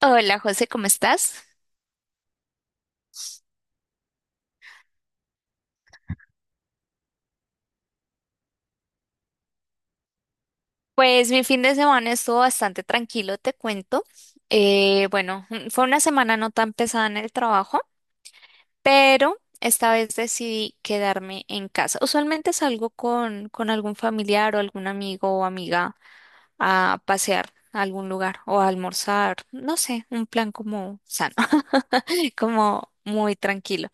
Hola José, ¿cómo estás? Pues mi fin de semana estuvo bastante tranquilo, te cuento. Bueno, fue una semana no tan pesada en el trabajo, pero esta vez decidí quedarme en casa. Usualmente salgo con algún familiar o algún amigo o amiga a pasear a algún lugar o a almorzar, no sé, un plan como sano, como muy tranquilo.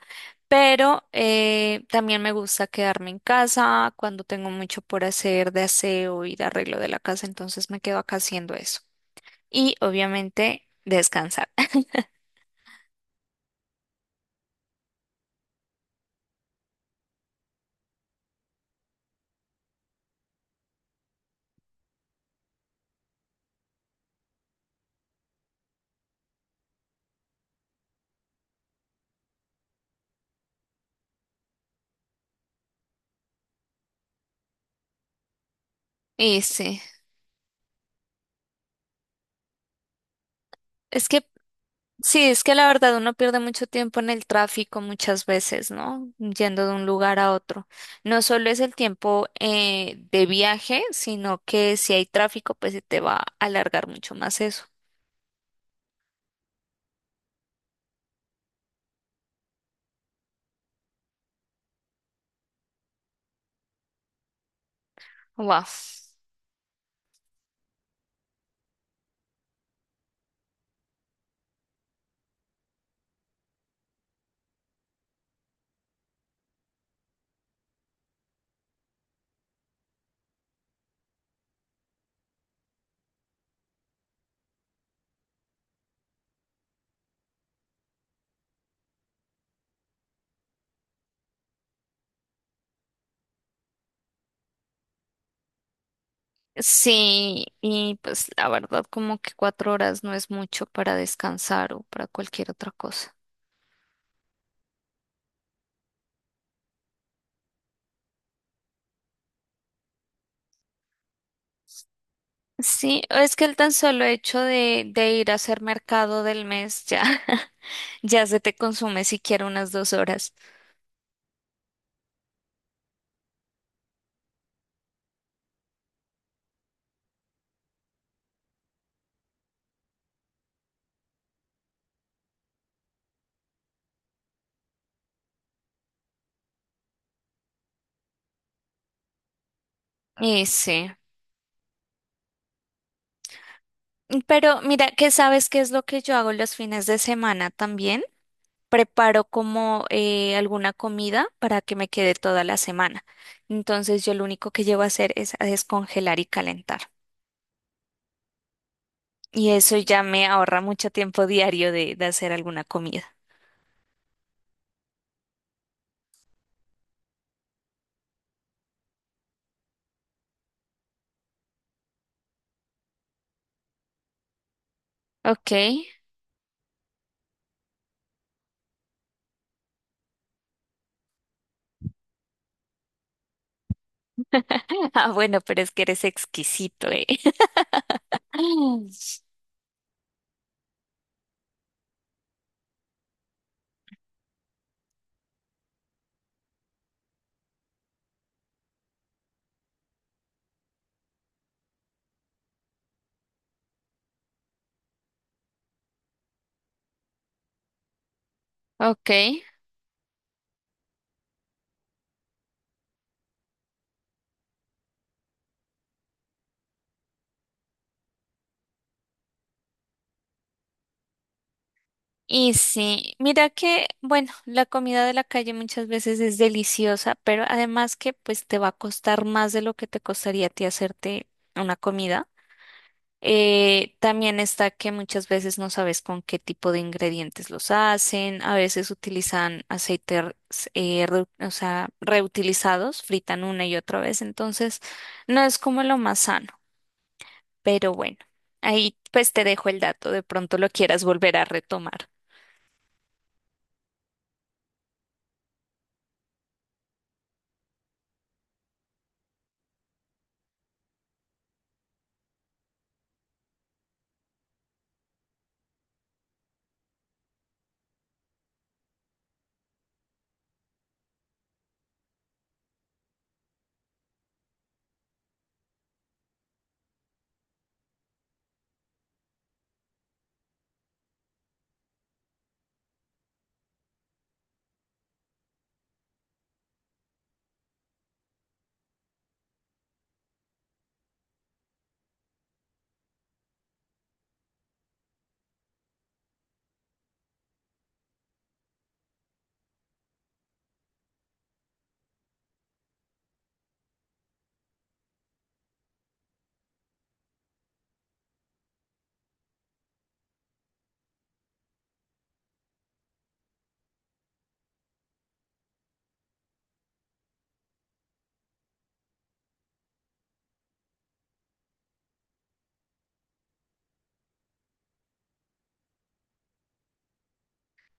Pero también me gusta quedarme en casa cuando tengo mucho por hacer de aseo y de arreglo de la casa, entonces me quedo acá haciendo eso. Y obviamente descansar. Y sí, es que sí, es que la verdad uno pierde mucho tiempo en el tráfico muchas veces, ¿no? Yendo de un lugar a otro. No solo es el tiempo de viaje, sino que si hay tráfico, pues se te va a alargar mucho más eso. Wow. Sí, y pues la verdad como que 4 horas no es mucho para descansar o para cualquier otra cosa. Sí, es que el tan solo hecho de ir a hacer mercado del mes ya, ya se te consume siquiera unas 2 horas. Y sí, pero mira que sabes qué es lo que yo hago los fines de semana también. Preparo como alguna comida para que me quede toda la semana. Entonces yo lo único que llevo a hacer es a descongelar y calentar. Y eso ya me ahorra mucho tiempo diario de hacer alguna comida. Ok. Ah, bueno, pero es que eres exquisito, ¿eh? Ok. Y sí, mira que, bueno, la comida de la calle muchas veces es deliciosa, pero además que pues te va a costar más de lo que te costaría a ti hacerte una comida. También está que muchas veces no sabes con qué tipo de ingredientes los hacen, a veces utilizan aceites o sea, reutilizados, fritan una y otra vez, entonces no es como lo más sano, pero bueno, ahí pues te dejo el dato, de pronto lo quieras volver a retomar.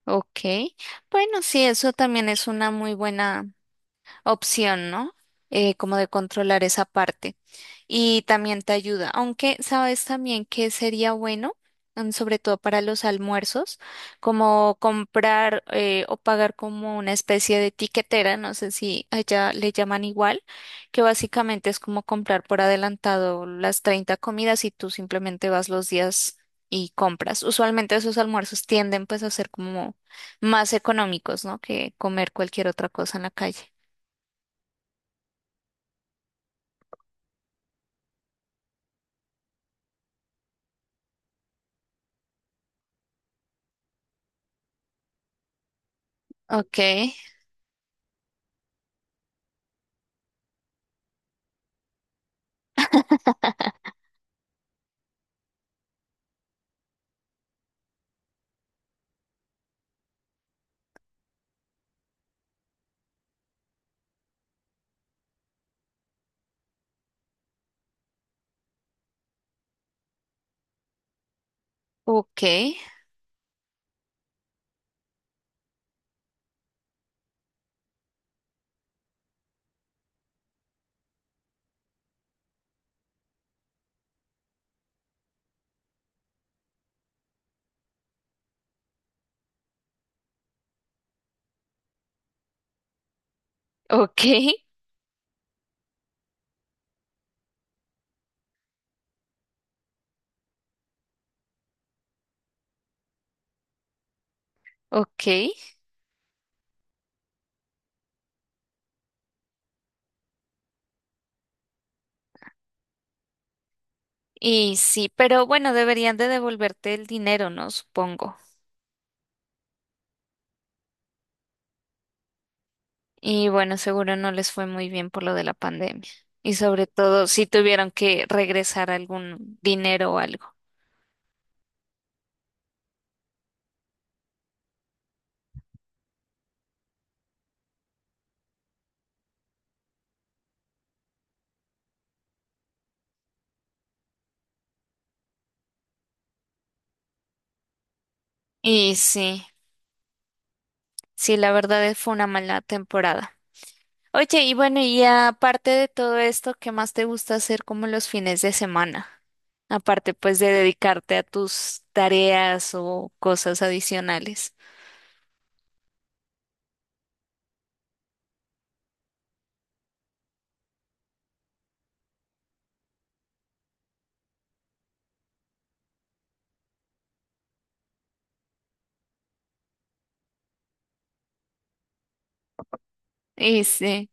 Ok, bueno, sí, eso también es una muy buena opción, ¿no? Como de controlar esa parte. Y también te ayuda. Aunque sabes también que sería bueno, sobre todo para los almuerzos, como comprar o pagar como una especie de tiquetera, no sé si allá le llaman igual, que básicamente es como comprar por adelantado las 30 comidas y tú simplemente vas los días y compras. Usualmente esos almuerzos tienden pues a ser como más económicos, ¿no? Que comer cualquier otra cosa en la calle. Ok, ok, ok, ok. Y sí, pero bueno, deberían de devolverte el dinero, ¿no? Supongo. Y bueno, seguro no les fue muy bien por lo de la pandemia. Y sobre todo si tuvieron que regresar algún dinero o algo. Y sí, sí, la verdad fue una mala temporada. Oye, y bueno, y aparte de todo esto, ¿qué más te gusta hacer como los fines de semana? Aparte, pues, de dedicarte a tus tareas o cosas adicionales. Y sí.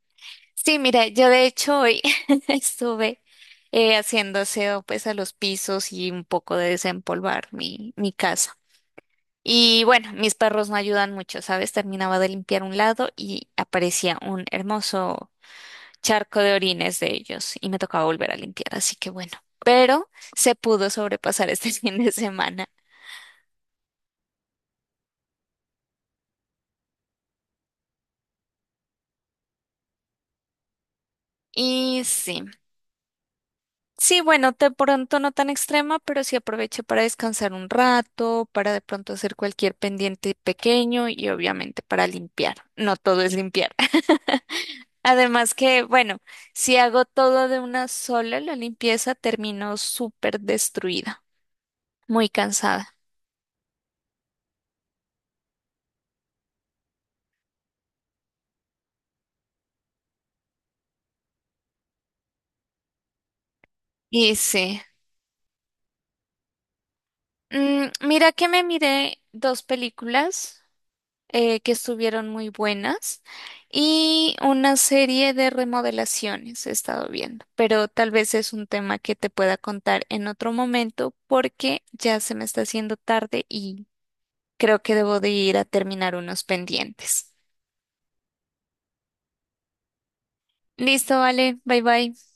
Sí, mira, yo de hecho hoy estuve haciendo aseo pues a los pisos y un poco de desempolvar mi casa. Y bueno, mis perros no ayudan mucho, ¿sabes? Terminaba de limpiar un lado y aparecía un hermoso charco de orines de ellos y me tocaba volver a limpiar, así que bueno. Pero se pudo sobrepasar este fin de semana. Y sí. Sí, bueno, de pronto no tan extrema, pero sí aproveché para descansar un rato, para de pronto hacer cualquier pendiente pequeño y obviamente para limpiar. No todo es limpiar. Además que, bueno, si hago todo de una sola, la limpieza termino súper destruida, muy cansada. Y sí, mira que me miré dos películas, que estuvieron muy buenas y una serie de remodelaciones he estado viendo, pero tal vez es un tema que te pueda contar en otro momento porque ya se me está haciendo tarde y creo que debo de ir a terminar unos pendientes. Listo, vale, bye bye.